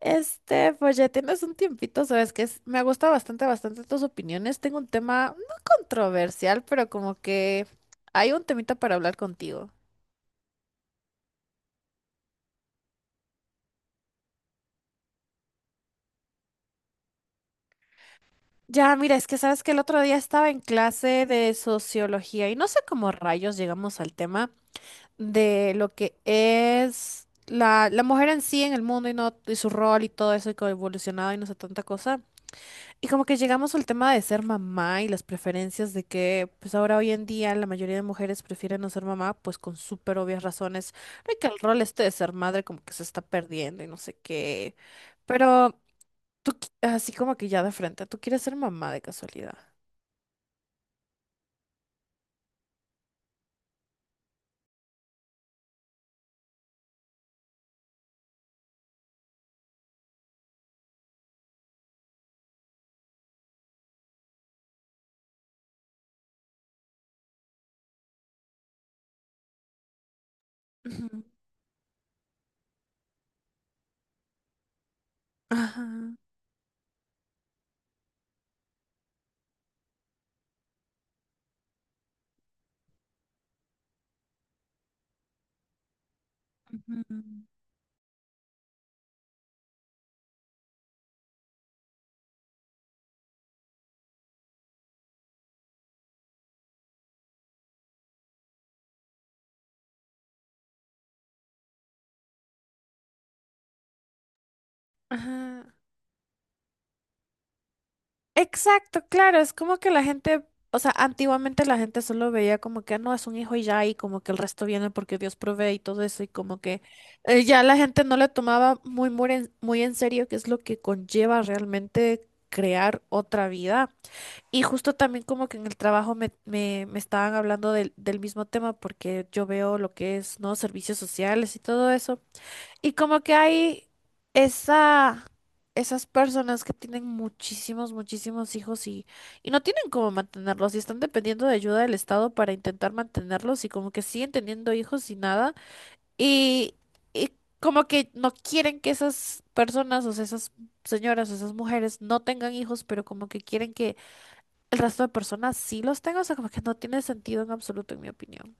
Pues ya tienes un tiempito, sabes que me gusta bastante, bastante tus opiniones. Tengo un tema no controversial, pero como que hay un temita para hablar contigo. Ya, mira, es que sabes que el otro día estaba en clase de sociología y no sé cómo rayos llegamos al tema de lo que es la mujer en sí en el mundo y, no, y su rol y todo eso y cómo ha evolucionado y no sé tanta cosa. Y como que llegamos al tema de ser mamá y las preferencias de que, pues ahora hoy en día la mayoría de mujeres prefieren no ser mamá, pues con súper obvias razones, de que el rol este de ser madre como que se está perdiendo y no sé qué. Pero tú, así como que ya de frente, ¿tú quieres ser mamá de casualidad? Ujú. Ajá, ujú, ajá. Exacto, claro, es como que la gente, o sea, antiguamente la gente solo veía como que no es un hijo y ya, y como que el resto viene porque Dios provee y todo eso, y como que ya la gente no le tomaba muy, muy en serio qué es lo que conlleva realmente crear otra vida. Y justo también como que en el trabajo me estaban hablando del mismo tema porque yo veo lo que es, ¿no? Servicios sociales y todo eso. Y como que hay esa, esas personas que tienen muchísimos, muchísimos hijos y no tienen cómo mantenerlos y están dependiendo de ayuda del Estado para intentar mantenerlos y como que siguen teniendo hijos y nada. Y, y como que no quieren que esas personas, o sea, esas señoras o esas mujeres no tengan hijos, pero como que quieren que el resto de personas sí los tengan. O sea, como que no tiene sentido en absoluto, en mi opinión.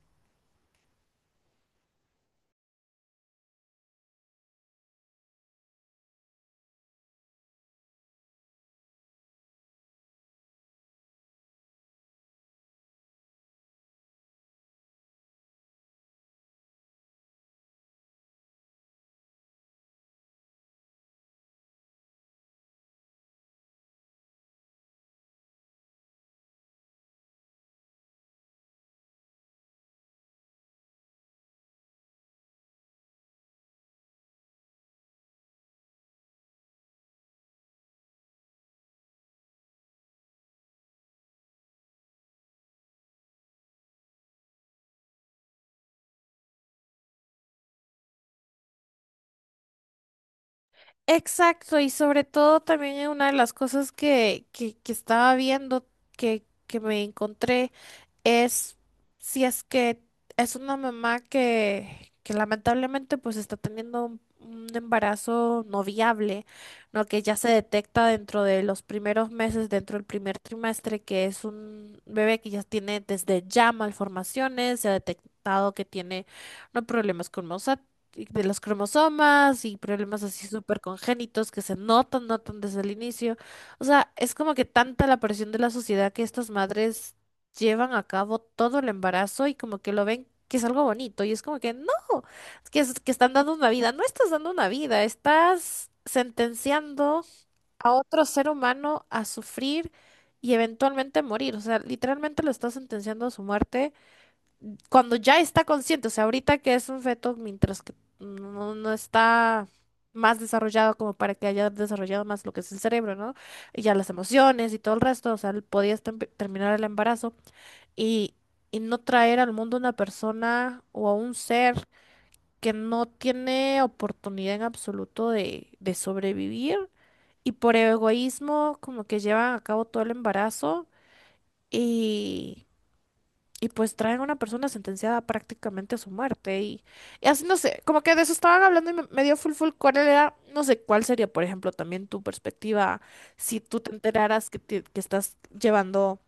Exacto, y sobre todo también es una de las cosas que estaba viendo, que me encontré es si es que es una mamá que lamentablemente pues está teniendo un embarazo no viable, ¿no? Que ya se detecta dentro de los primeros meses, dentro del primer trimestre, que es un bebé que ya tiene desde ya malformaciones, se ha detectado que tiene no problemas con de los cromosomas y problemas así súper congénitos que se notan desde el inicio. O sea, es como que tanta la presión de la sociedad que estas madres llevan a cabo todo el embarazo y como que lo ven que es algo bonito y es como que no, es que, que están dando una vida, no estás dando una vida, estás sentenciando a otro ser humano a sufrir y eventualmente morir, o sea, literalmente lo estás sentenciando a su muerte cuando ya está consciente, o sea, ahorita que es un feto mientras que no, no está más desarrollado como para que haya desarrollado más lo que es el cerebro, ¿no? Y ya las emociones y todo el resto, o sea, él podía terminar el embarazo y, y no traer al mundo una persona o a un ser que no tiene oportunidad en absoluto de sobrevivir y por egoísmo como que llevan a cabo todo el embarazo y, y pues traen a una persona sentenciada prácticamente a su muerte y así no sé, como que de eso estaban hablando y me dio full full cuál era, no sé cuál sería por ejemplo también tu perspectiva si tú te enteraras que, que estás llevando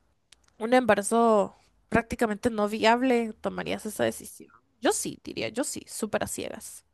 un embarazo prácticamente no viable, ¿tomarías esa decisión? Yo sí, diría, yo sí, súper a ciegas.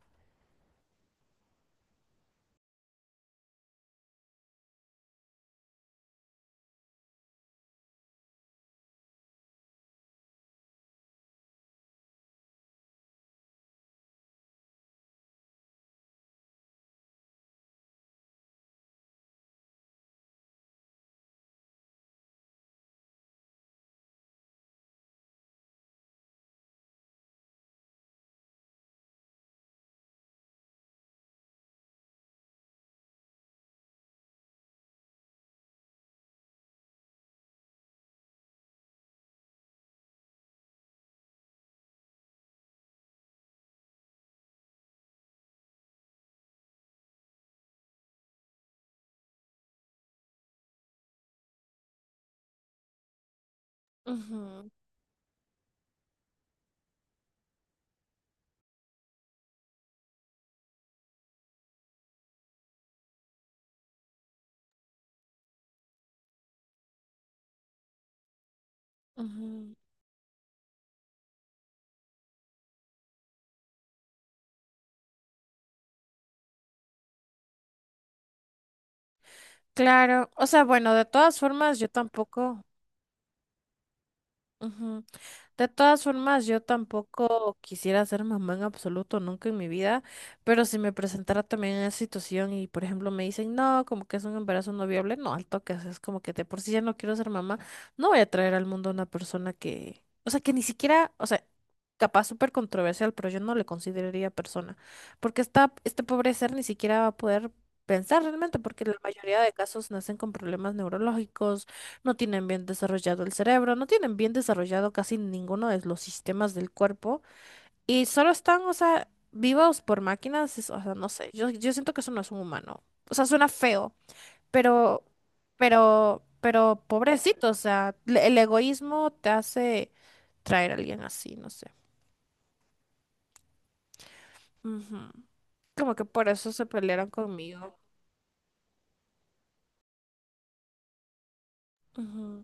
Ujú, ujú. Claro, o sea, bueno, de todas formas, yo tampoco. Ujú. De todas formas, yo tampoco quisiera ser mamá en absoluto, nunca en mi vida, pero si me presentara también en esa situación y, por ejemplo, me dicen, no, como que es un embarazo no viable, no, al toque, o sea, es como que de por sí ya no quiero ser mamá, no voy a traer al mundo a una persona que, o sea, que ni siquiera, o sea, capaz súper controversial, pero yo no le consideraría persona, porque este pobre ser ni siquiera va a poder pensar realmente, porque la mayoría de casos nacen con problemas neurológicos no tienen bien desarrollado el cerebro, no tienen bien desarrollado casi ninguno de los sistemas del cuerpo y solo están, o sea, vivos por máquinas, o sea, no sé, yo siento que eso no es un humano, o sea, suena feo, pero, pero pobrecito, o sea, el egoísmo te hace traer a alguien así, no sé. Ujú. Como que por eso se pelearon conmigo. Ujú.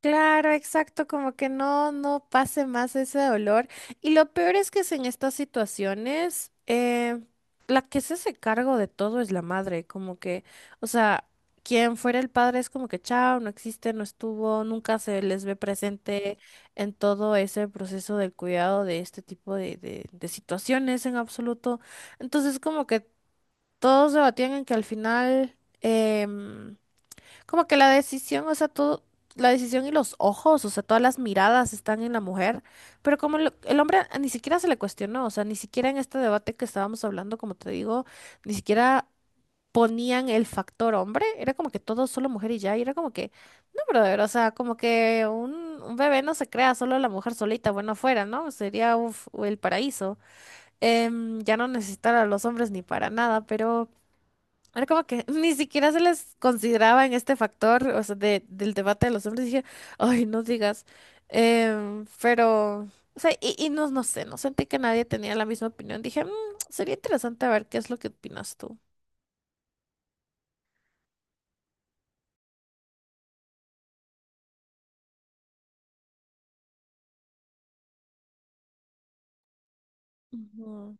Claro, exacto, como que no, no pase más ese dolor. Y lo peor es que es en estas situaciones, la que se hace cargo de todo es la madre, como que, o sea, quien fuera el padre es como que chao, no existe, no estuvo, nunca se les ve presente en todo ese proceso del cuidado de este tipo de, de situaciones en absoluto. Entonces, como que todos debatían en que al final, como que la decisión, o sea, todo, la decisión y los ojos, o sea, todas las miradas están en la mujer, pero como el hombre ni siquiera se le cuestionó, o sea, ni siquiera en este debate que estábamos hablando, como te digo, ni siquiera ponían el factor hombre, era como que todo solo mujer y ya, y era como que, no, brother, o sea, como que un, bebé no se crea solo la mujer solita, bueno, afuera, ¿no? Sería uf, el paraíso. Ya no necesitar a los hombres ni para nada, pero... Era como que ni siquiera se les consideraba en este factor, o sea, del debate de los hombres. Dije, ay, no digas. Pero, o sea, y no, no sé, no sentí que nadie tenía la misma opinión. Dije, "Mm, sería interesante ver qué es lo que opinas tú. Ujú.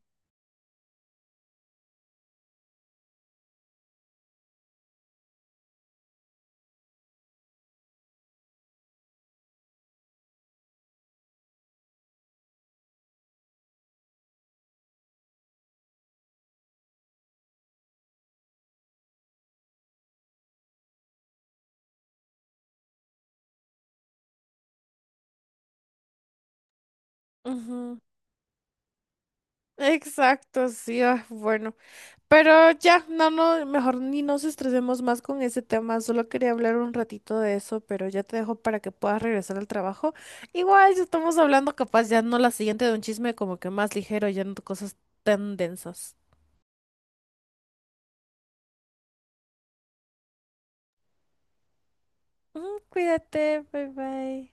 Ujú. Exacto, sí, ah, bueno. Pero ya, no, no, mejor ni nos estresemos más con ese tema. Solo quería hablar un ratito de eso, pero ya te dejo para que puedas regresar al trabajo. Igual ya estamos hablando capaz ya no la siguiente de un chisme como que más ligero, ya no de cosas tan densas. Ujú. Cuídate, bye bye.